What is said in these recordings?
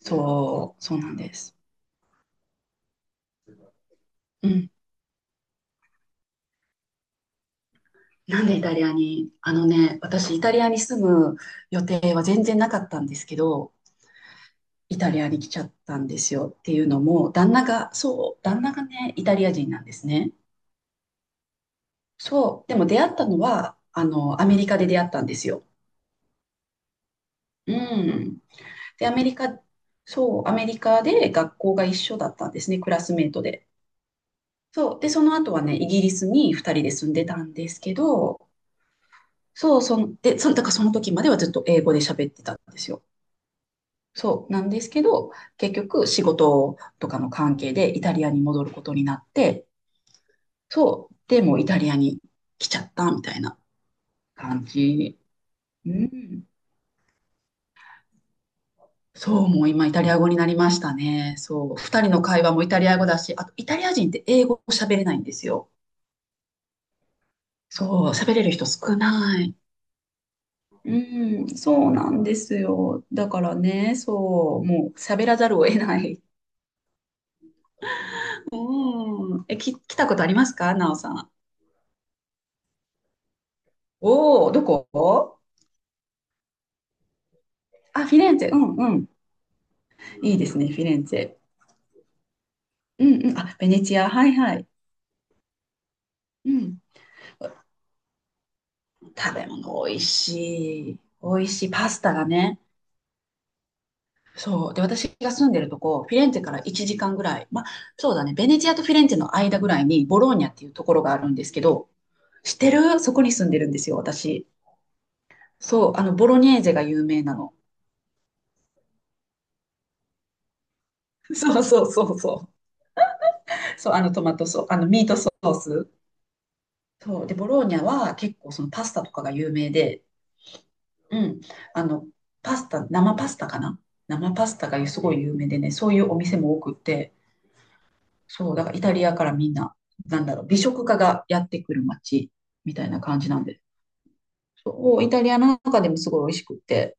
そう、そうなんです。うん。なんでイタリアに、あのね、私イタリアに住む予定は全然なかったんですけど、イタリアに来ちゃったんですよっていうのも、旦那が、そう、旦那がね、イタリア人なんですね。そう、でも出会ったのは、あの、アメリカで出会ったんですよ。うん。で、アメリカ、そう、アメリカで学校が一緒だったんですね、クラスメートで。そう、で、その後はね、イギリスに2人で住んでたんですけど、そう、そんで、そん、だからその時まではずっと英語で喋ってたんですよ。そう、なんですけど、結局仕事とかの関係でイタリアに戻ることになって、そう、でもうイタリアに来ちゃったみたいな感じ。うん。そう、もう今イタリア語になりましたね。そう、二人の会話もイタリア語だし、あとイタリア人って英語喋れないんですよ。そう、喋れる人少ない。うん、そうなんですよ。だからね、そう、もう喋らざるを得ない。おーえ、き、来たことありますか、なおさん？おお、どこ？あ、フィレンツェ。うんうん。いいですね、フィレンツェ。うんうん。あ、ベネチア。はいはい。うん。食べ物美味しい。美味しい。パスタがね。そう。で、私が住んでるとこ、フィレンツェから1時間ぐらい。まあ、そうだね。ベネチアとフィレンツェの間ぐらいに、ボローニャっていうところがあるんですけど、知ってる？そこに住んでるんですよ、私。そう。あの、ボロニェーゼが有名なの。そうそうそうそう。そう、あのトマトソース、あのミートソース。そう。で、ボローニャは結構そのパスタとかが有名で、うん。あの、パスタ、生パスタかな。生パスタがすごい有名でね、そういうお店も多くって、そう、だからイタリアからみんな、なんだろう、美食家がやってくる街みたいな感じなんで、そう、イタリアの中でもすごい美味しくって、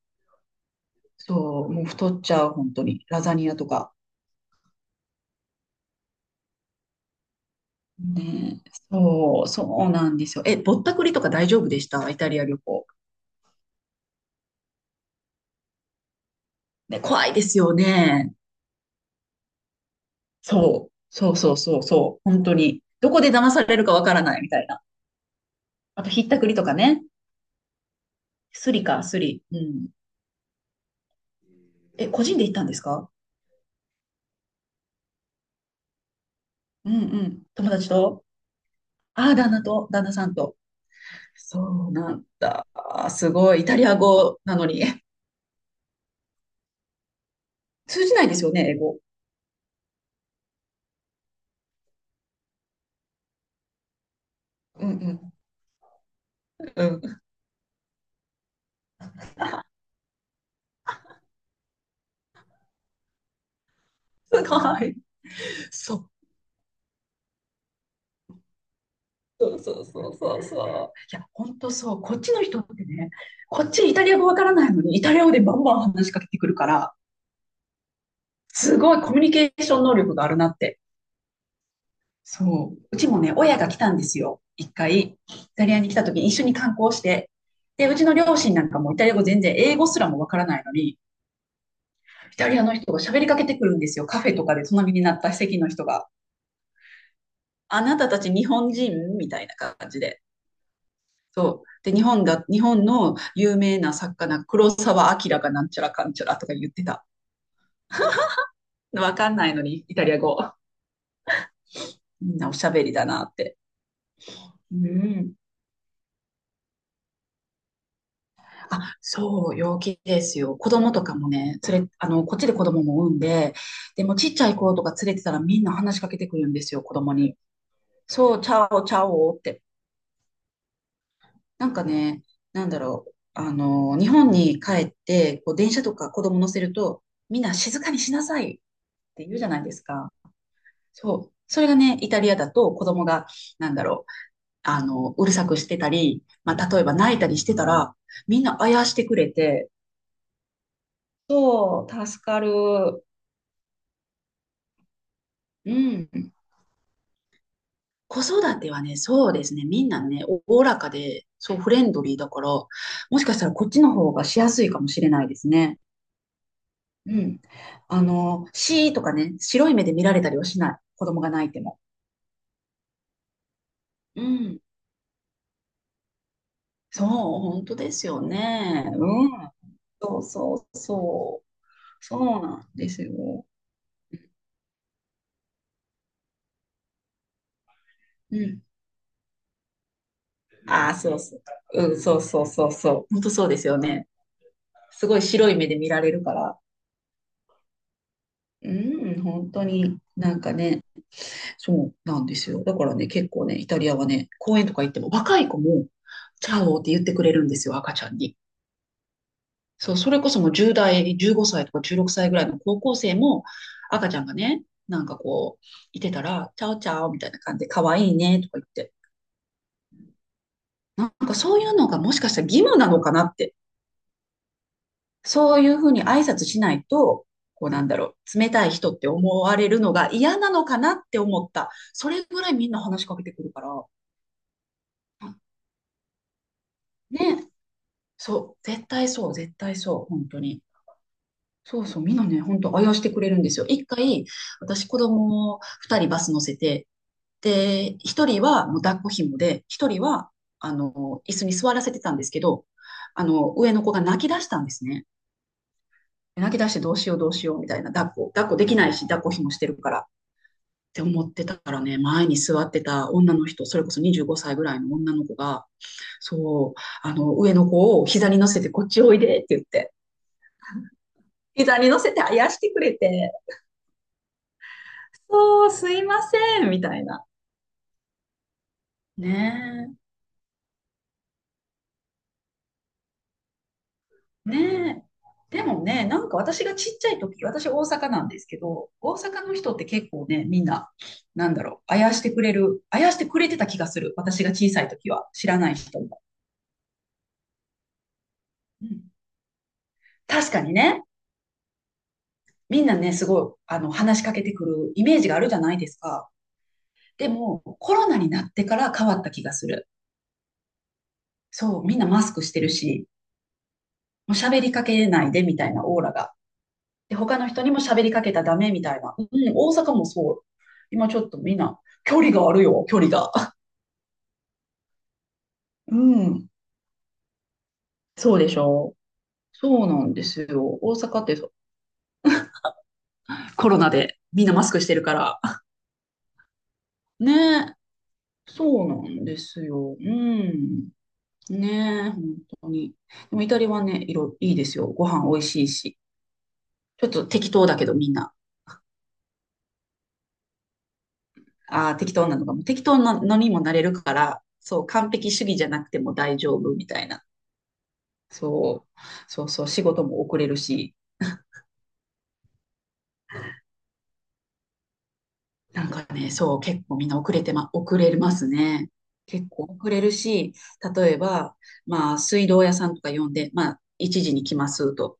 そう、もう太っちゃう、本当に。ラザニアとか。ねえ、そう、そうなんですよ。え、ぼったくりとか大丈夫でした？イタリア旅行。ね、怖いですよね。そう。そうそうそうそう。本当に。どこで騙されるかわからないみたいな。あと、ひったくりとかね。スリか、スリ。うん。え、個人で行ったんですか？うんうん。友達と？ああ、旦那と、旦那さんと。そうなんだ。あーすごい。イタリア語なのに。通じないですよね、英語。うんうん。うん。すごい。そう。そうそうそうそうそう。いや、本当そう。こっちの人ってね、こっちイタリア語わからないのに、イタリア語でバンバン話しかけてくるから、すごいコミュニケーション能力があるなって。そう。うちもね、親が来たんですよ。一回、イタリアに来た時に一緒に観光して。で、うちの両親なんかもイタリア語全然、英語すらもわからないのに、イタリアの人が喋りかけてくるんですよ。カフェとかで隣になった席の人が。あなたたち日本人みたいな感じで。そう。で、日本の有名な作家な黒沢明がなんちゃらかんちゃらとか言ってた。わかんないのに、イタリア語。みんなおしゃべりだなって。うん。あ、そう、陽気ですよ。子供とかもね、連れ、あの、こっちで子供も産んで、でもちっちゃい子とか連れてたらみんな話しかけてくるんですよ、子供に。そう、チャオ、チャオって。なんかね、なんだろう、あの、日本に帰って、こう、電車とか子供乗せると、みんな静かにしなさいって言うじゃないですか。そう。それがね、イタリアだと子供が、なんだろう、あの、うるさくしてたり、まあ、例えば泣いたりしてたら、みんなあやしてくれて、そう、助かる。うん。子育てはね、そうですね。みんなね、おおらかで、そう、フレンドリーだから、もしかしたらこっちの方がしやすいかもしれないですね。うん。あの、シーとかね、白い目で見られたりはしない。子供が泣いても。うん。そう、本当ですよね。うん。そうそうそう。そうなんですよ。うん。ああ、そうそう。うん、そうそうそうそう。本当そうですよね。すごい白い目で見られるから。うん、本当になんかね、そうなんですよ。だからね、結構ね、イタリアはね、公園とか行っても若い子も、チャオって言ってくれるんですよ、赤ちゃんに。そう、それこそもう10代、15歳とか16歳ぐらいの高校生も、赤ちゃんがね、なんかこう、いてたら、チャオチャオみたいな感じで、可愛いねとか言って。なんかそういうのがもしかしたら義務なのかなって。そういうふうに挨拶しないと、こうなんだろう、冷たい人って思われるのが嫌なのかなって思った。それぐらいみんな話しかけてくるから。ね、そう、絶対そう、絶対そう、本当に。そうそう、みんなね、本当あやしてくれるんですよ。一回、私子供を二人バス乗せて、で、一人はもう抱っこ紐で、一人は、あの、椅子に座らせてたんですけど、あの、上の子が泣き出したんですね。泣き出してどうしようどうしようみたいな、抱っこ、抱っこできないし、抱っこ紐してるから。って思ってたからね、前に座ってた女の人、それこそ25歳ぐらいの女の子が、そう、あの、上の子を膝に乗せてこっちおいでって言って、膝に乗せてあやしてくれて、そう、すいません、みたいな。ねえ、ねえ。でもね、なんか私がちっちゃい時、私大阪なんですけど、大阪の人って結構ね、みんな、なんだろう、あやしてくれる、あやしてくれてた気がする。私が小さい時は、知らない人も。うん、確かにね、みんなね、すごい、あの、話しかけてくるイメージがあるじゃないですか。でも、コロナになってから変わった気がする。そう、みんなマスクしてるし、もう喋りかけないでみたいなオーラが、で、他の人にも喋りかけたらダメみたいな。うん、大阪もそう。今ちょっとみんな、距離があるよ、距離が。うん、そうでしょう。そうなんですよ。大阪ってそう、コロナでみんなマスクしてるから。ねえ、そうなんですよ。うん。ねえ、本当に。でもイタリアはね、色いいですよ。ご飯美味しいし。ちょっと適当だけどみんな。ああ、適当なのかも。適当なのにもなれるから、そう、完璧主義じゃなくても大丈夫みたいな。そう、そうそう、仕事も遅れるし、なんかね、そう、結構みんな遅れてま、遅れますね。結構遅れるし、例えば、まあ、水道屋さんとか呼んで、まあ、1時に来ますと、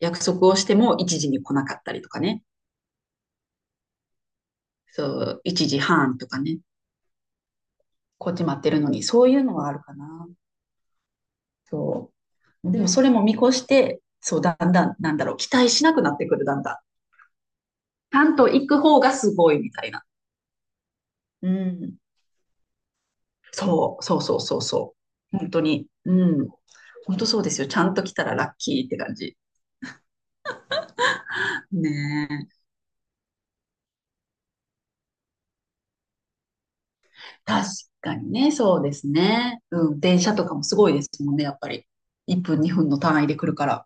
約束をしても一時に来なかったりとかね、そう、1時半とかね、こっち待ってるのに、そういうのはあるかな。そう。でも、それも見越して、そう、だんだん、なんだろう、期待しなくなってくる、だんだん。ちゃんと行く方がすごいみたいな。うん。そう、そうそうそうそう。本当に。うん。本当そうですよ。ちゃんと来たらラッキーって感じ。ねえ。確かにね、そうですね。うん。電車とかもすごいですもんね、やっぱり。1分、2分の単位で来るから。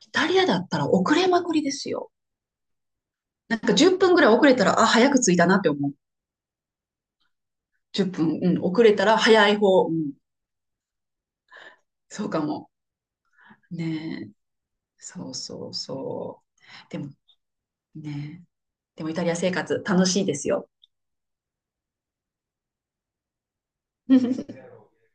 イタリアだったら遅れまくりですよ。なんか10分ぐらい遅れたら、あ、早く着いたなって思う。10分、うん、遅れたら早い方。うん、そうかも。ねえ。そうそうそう。ねえ、でもイタリア生活楽しいですよ。